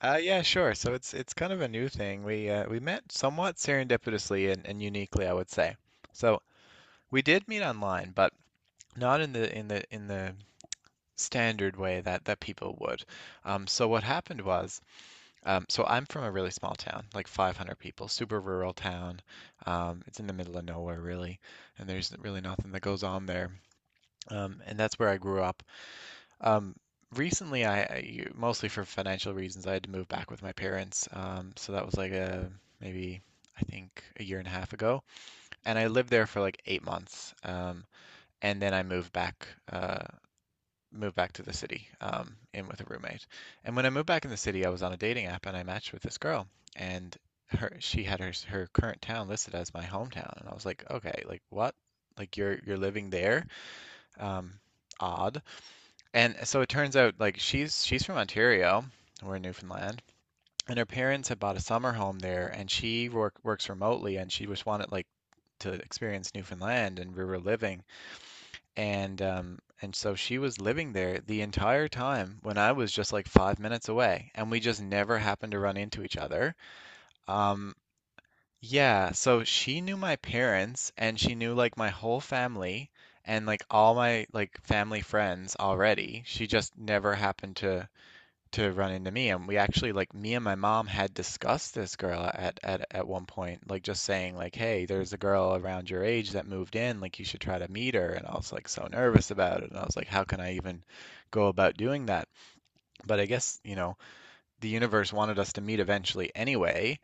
Yeah, sure. So it's kind of a new thing. We met somewhat serendipitously and uniquely, I would say. So we did meet online, but not in the standard way that people would. So what happened was, so I'm from a really small town, like 500 people, super rural town. It's in the middle of nowhere, really, and there's really nothing that goes on there. And that's where I grew up. Um, Recently, mostly for financial reasons, I had to move back with my parents. So that was like a maybe I think a year and a half ago, and I lived there for like 8 months. And then I moved back to the city, in with a roommate. And when I moved back in the city, I was on a dating app and I matched with this girl, and her she had her current town listed as my hometown, and I was like, okay, like what? Like you're living there? Um, Odd. And so it turns out like she's from Ontario, we're in Newfoundland, and her parents had bought a summer home there, and she works remotely, and she just wanted like to experience Newfoundland and where we're living, and so she was living there the entire time when I was just like 5 minutes away, and we just never happened to run into each other. Um, yeah, so she knew my parents, and she knew like my whole family. And like all my like family friends already, she just never happened to run into me. And we actually, like, me and my mom had discussed this girl at one point, like just saying like, hey, there's a girl around your age that moved in, like you should try to meet her, and I was like so nervous about it, and I was like, how can I even go about doing that? But I guess, you know, the universe wanted us to meet eventually anyway.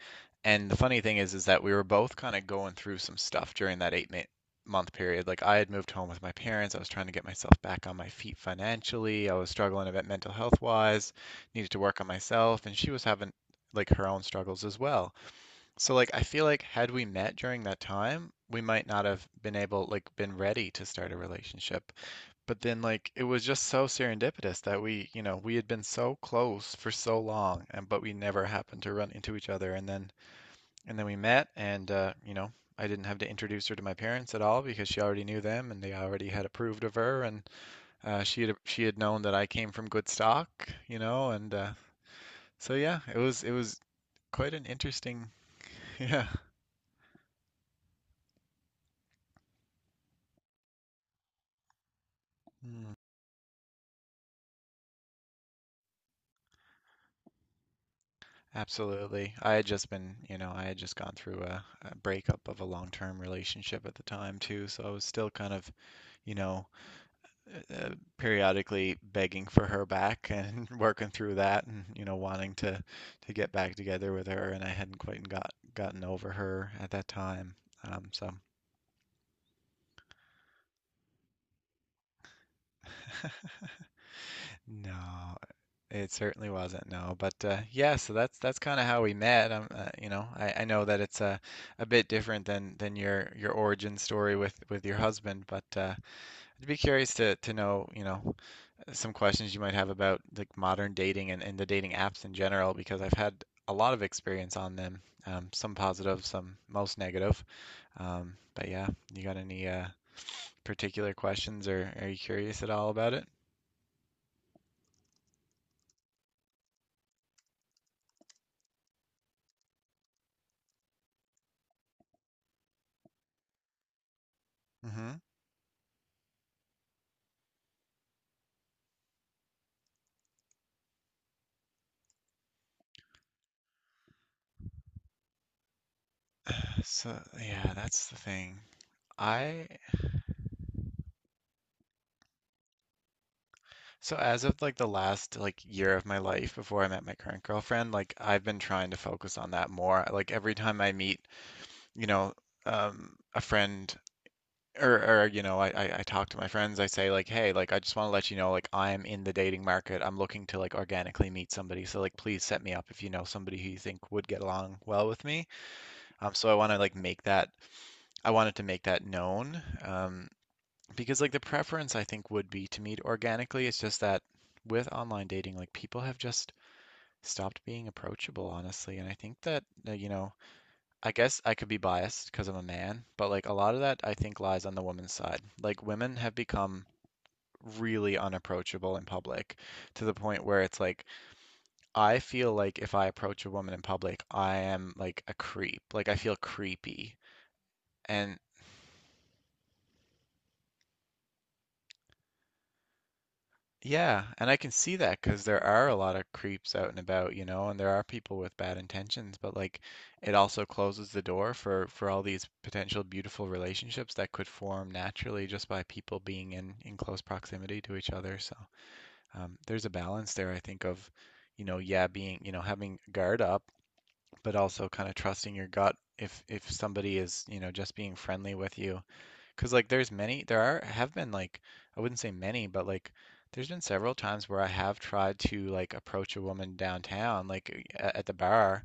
And the funny thing is that we were both kind of going through some stuff during that month period. Like I had moved home with my parents. I was trying to get myself back on my feet financially. I was struggling a bit mental health wise, needed to work on myself, and she was having like her own struggles as well. So like I feel like had we met during that time, we might not have been able, like, been ready to start a relationship, but then like it was just so serendipitous that we, you know, we had been so close for so long, and but we never happened to run into each other, and then we met. And you know, I didn't have to introduce her to my parents at all because she already knew them, and they already had approved of her. And she had known that I came from good stock, you know. And so yeah, it was quite an interesting yeah. Mm. Absolutely. I had just been, you know, I had just gone through a breakup of a long-term relationship at the time too, so I was still kind of, you know, uh, uh, periodically begging for her back and working through that, and, you know, wanting to get back together with her, and I hadn't quite gotten over her at that time. Um, so No, it certainly wasn't. No, but yeah, so that's kind of how we met. You know, I know that it's a bit different than your origin story with your husband, but I'd be curious to know, you know, some questions you might have about like modern dating, and the dating apps in general, because I've had a lot of experience on them. Some positive, some most negative. But yeah, you got any particular questions, or are you curious at all about it? So yeah, that's the thing. I So as of like the last like year of my life before I met my current girlfriend, like I've been trying to focus on that more. Like every time I meet, you know, a friend, or or you know, I talk to my friends, I say like, "Hey, like I just want to let you know like I'm in the dating market. I'm looking to like organically meet somebody. So like please set me up if you know somebody who you think would get along well with me." Um so I want to like make that I wanted to make that known. Because like the preference, I think, would be to meet organically. It's just that with online dating, like people have just stopped being approachable, honestly. And I think that, you know, I guess I could be biased because I'm a man, but like a lot of that, I think, lies on the woman's side. Like women have become really unapproachable in public, to the point where it's like I feel like if I approach a woman in public, I am like a creep. Like I feel creepy. And Yeah, and I can see that because there are a lot of creeps out and about, you know, and there are people with bad intentions, but like it also closes the door for all these potential beautiful relationships that could form naturally just by people being in close proximity to each other. So there's a balance there, I think, of, you know, yeah, being, you know, having guard up, but also kind of trusting your gut if somebody is, you know, just being friendly with you. Cause like there's many, there are have been like I wouldn't say many, but like there's been several times where I have tried to like approach a woman downtown, like at the bar,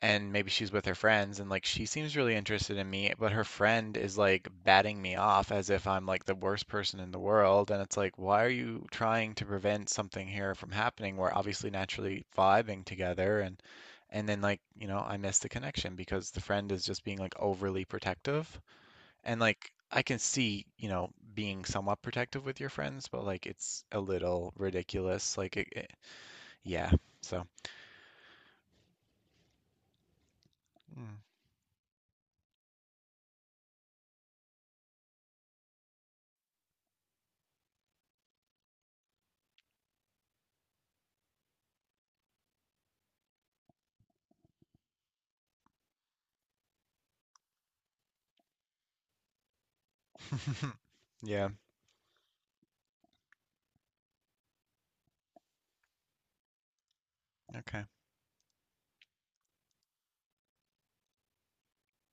and maybe she's with her friends, and like she seems really interested in me, but her friend is like batting me off as if I'm like the worst person in the world, and it's like, why are you trying to prevent something here from happening? We're obviously naturally vibing together, and then like, you know, I miss the connection because the friend is just being like overly protective. And like I can see, you know, being somewhat protective with your friends, but like it's a little ridiculous. Like yeah. So. Mm. Yeah. Okay.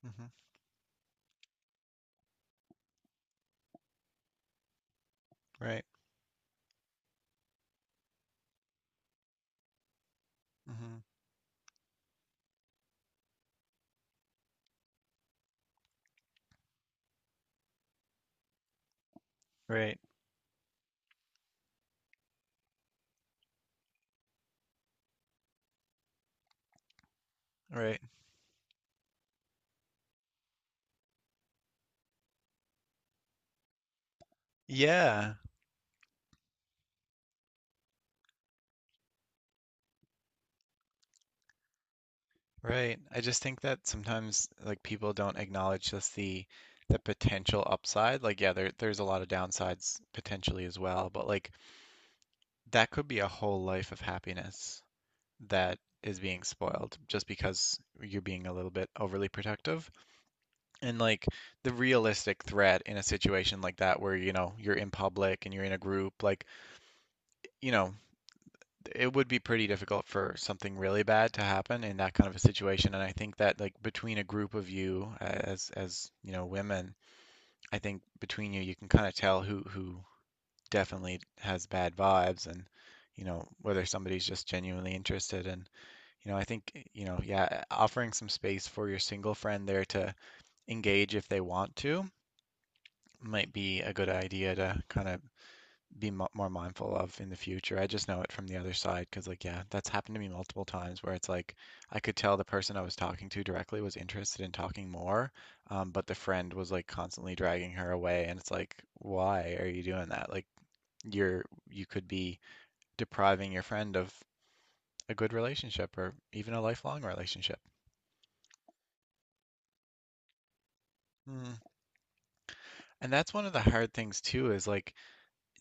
Hmm. Right. Hmm. Right. Right. Yeah. Right. I just think that sometimes, like, people don't acknowledge just the potential upside. Like yeah, there's a lot of downsides potentially as well, but like that could be a whole life of happiness that is being spoiled just because you're being a little bit overly protective. And like the realistic threat in a situation like that, where, you know, you're in public and you're in a group, like, you know, it would be pretty difficult for something really bad to happen in that kind of a situation. And I think that, like, between a group of you, as you know, women, I think between you, can kind of tell who definitely has bad vibes, and, you know, whether somebody's just genuinely interested. And you know, I think, eh, you know, yeah, offering some space for your single friend there to engage if they want to might be a good idea to kind of be mo more mindful of in the future. I just know it from the other side because, like, yeah, that's happened to me multiple times, where it's like I could tell the person I was talking to directly was interested in talking more, but the friend was like constantly dragging her away, and it's like, why are you doing that? Like, you're you could be depriving your friend of a good relationship or even a lifelong relationship. Hmm. And that's one of the hard things too, is like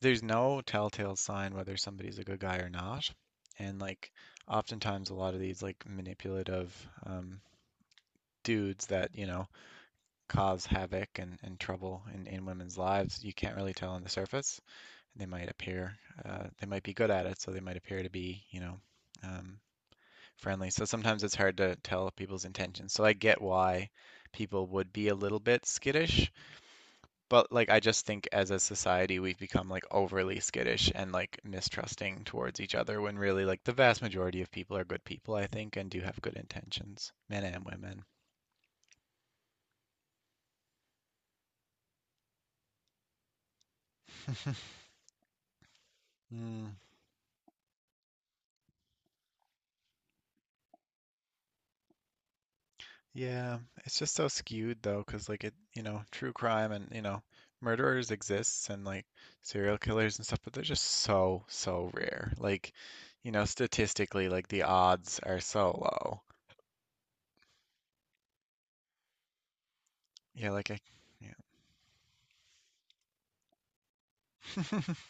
there's no telltale sign whether somebody's a good guy or not. And like oftentimes a lot of these like manipulative um, dudes that, you know, cause havoc and trouble in women's lives, you can't really tell on the surface. They might appear, they might be good at it, so they might appear to be, you know, um, friendly. So sometimes it's hard to tell people's intentions. So I get why people would be a little bit skittish. But like I just think, as a society, we've become like overly skittish and like mistrusting towards each other, when really like the vast majority of people are good people, I think, and do have good intentions, men and women. Mm, yeah, it's just so skewed though, because like you know, true crime and, you know, murderers exists, and like serial killers and stuff, but they're just so, so rare. Like, you know, statistically, like the odds are so low. Yeah, like yeah. Mm.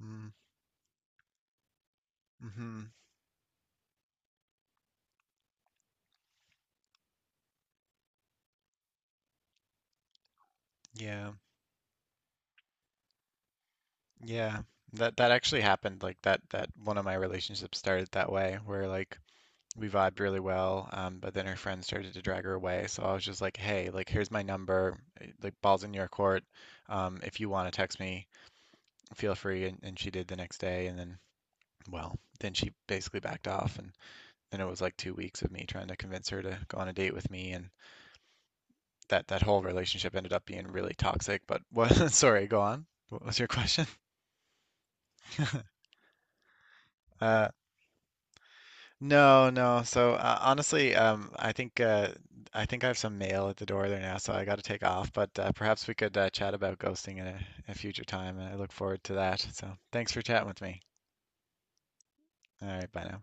Hmm. Mm-hmm. Yeah. Yeah, that actually happened. Like that one of my relationships started that way, where like we vibed really well, but then her friend started to drag her away. So I was just like, hey, like here's my number, eh, like balls in your court. If you want to text me, feel free. And she did the next day, and then, well, then she basically backed off, and then it was like 2 weeks of me trying to convince her to go on a date with me, and that whole relationship ended up being really toxic. But what? Sorry, go on. What was your question? Uh, No, no. So honestly, I think I have some mail at the door there now, so I got to take off. But perhaps we could chat about ghosting in a future time, and I look forward to that. So thanks for chatting with me. All right, bye now.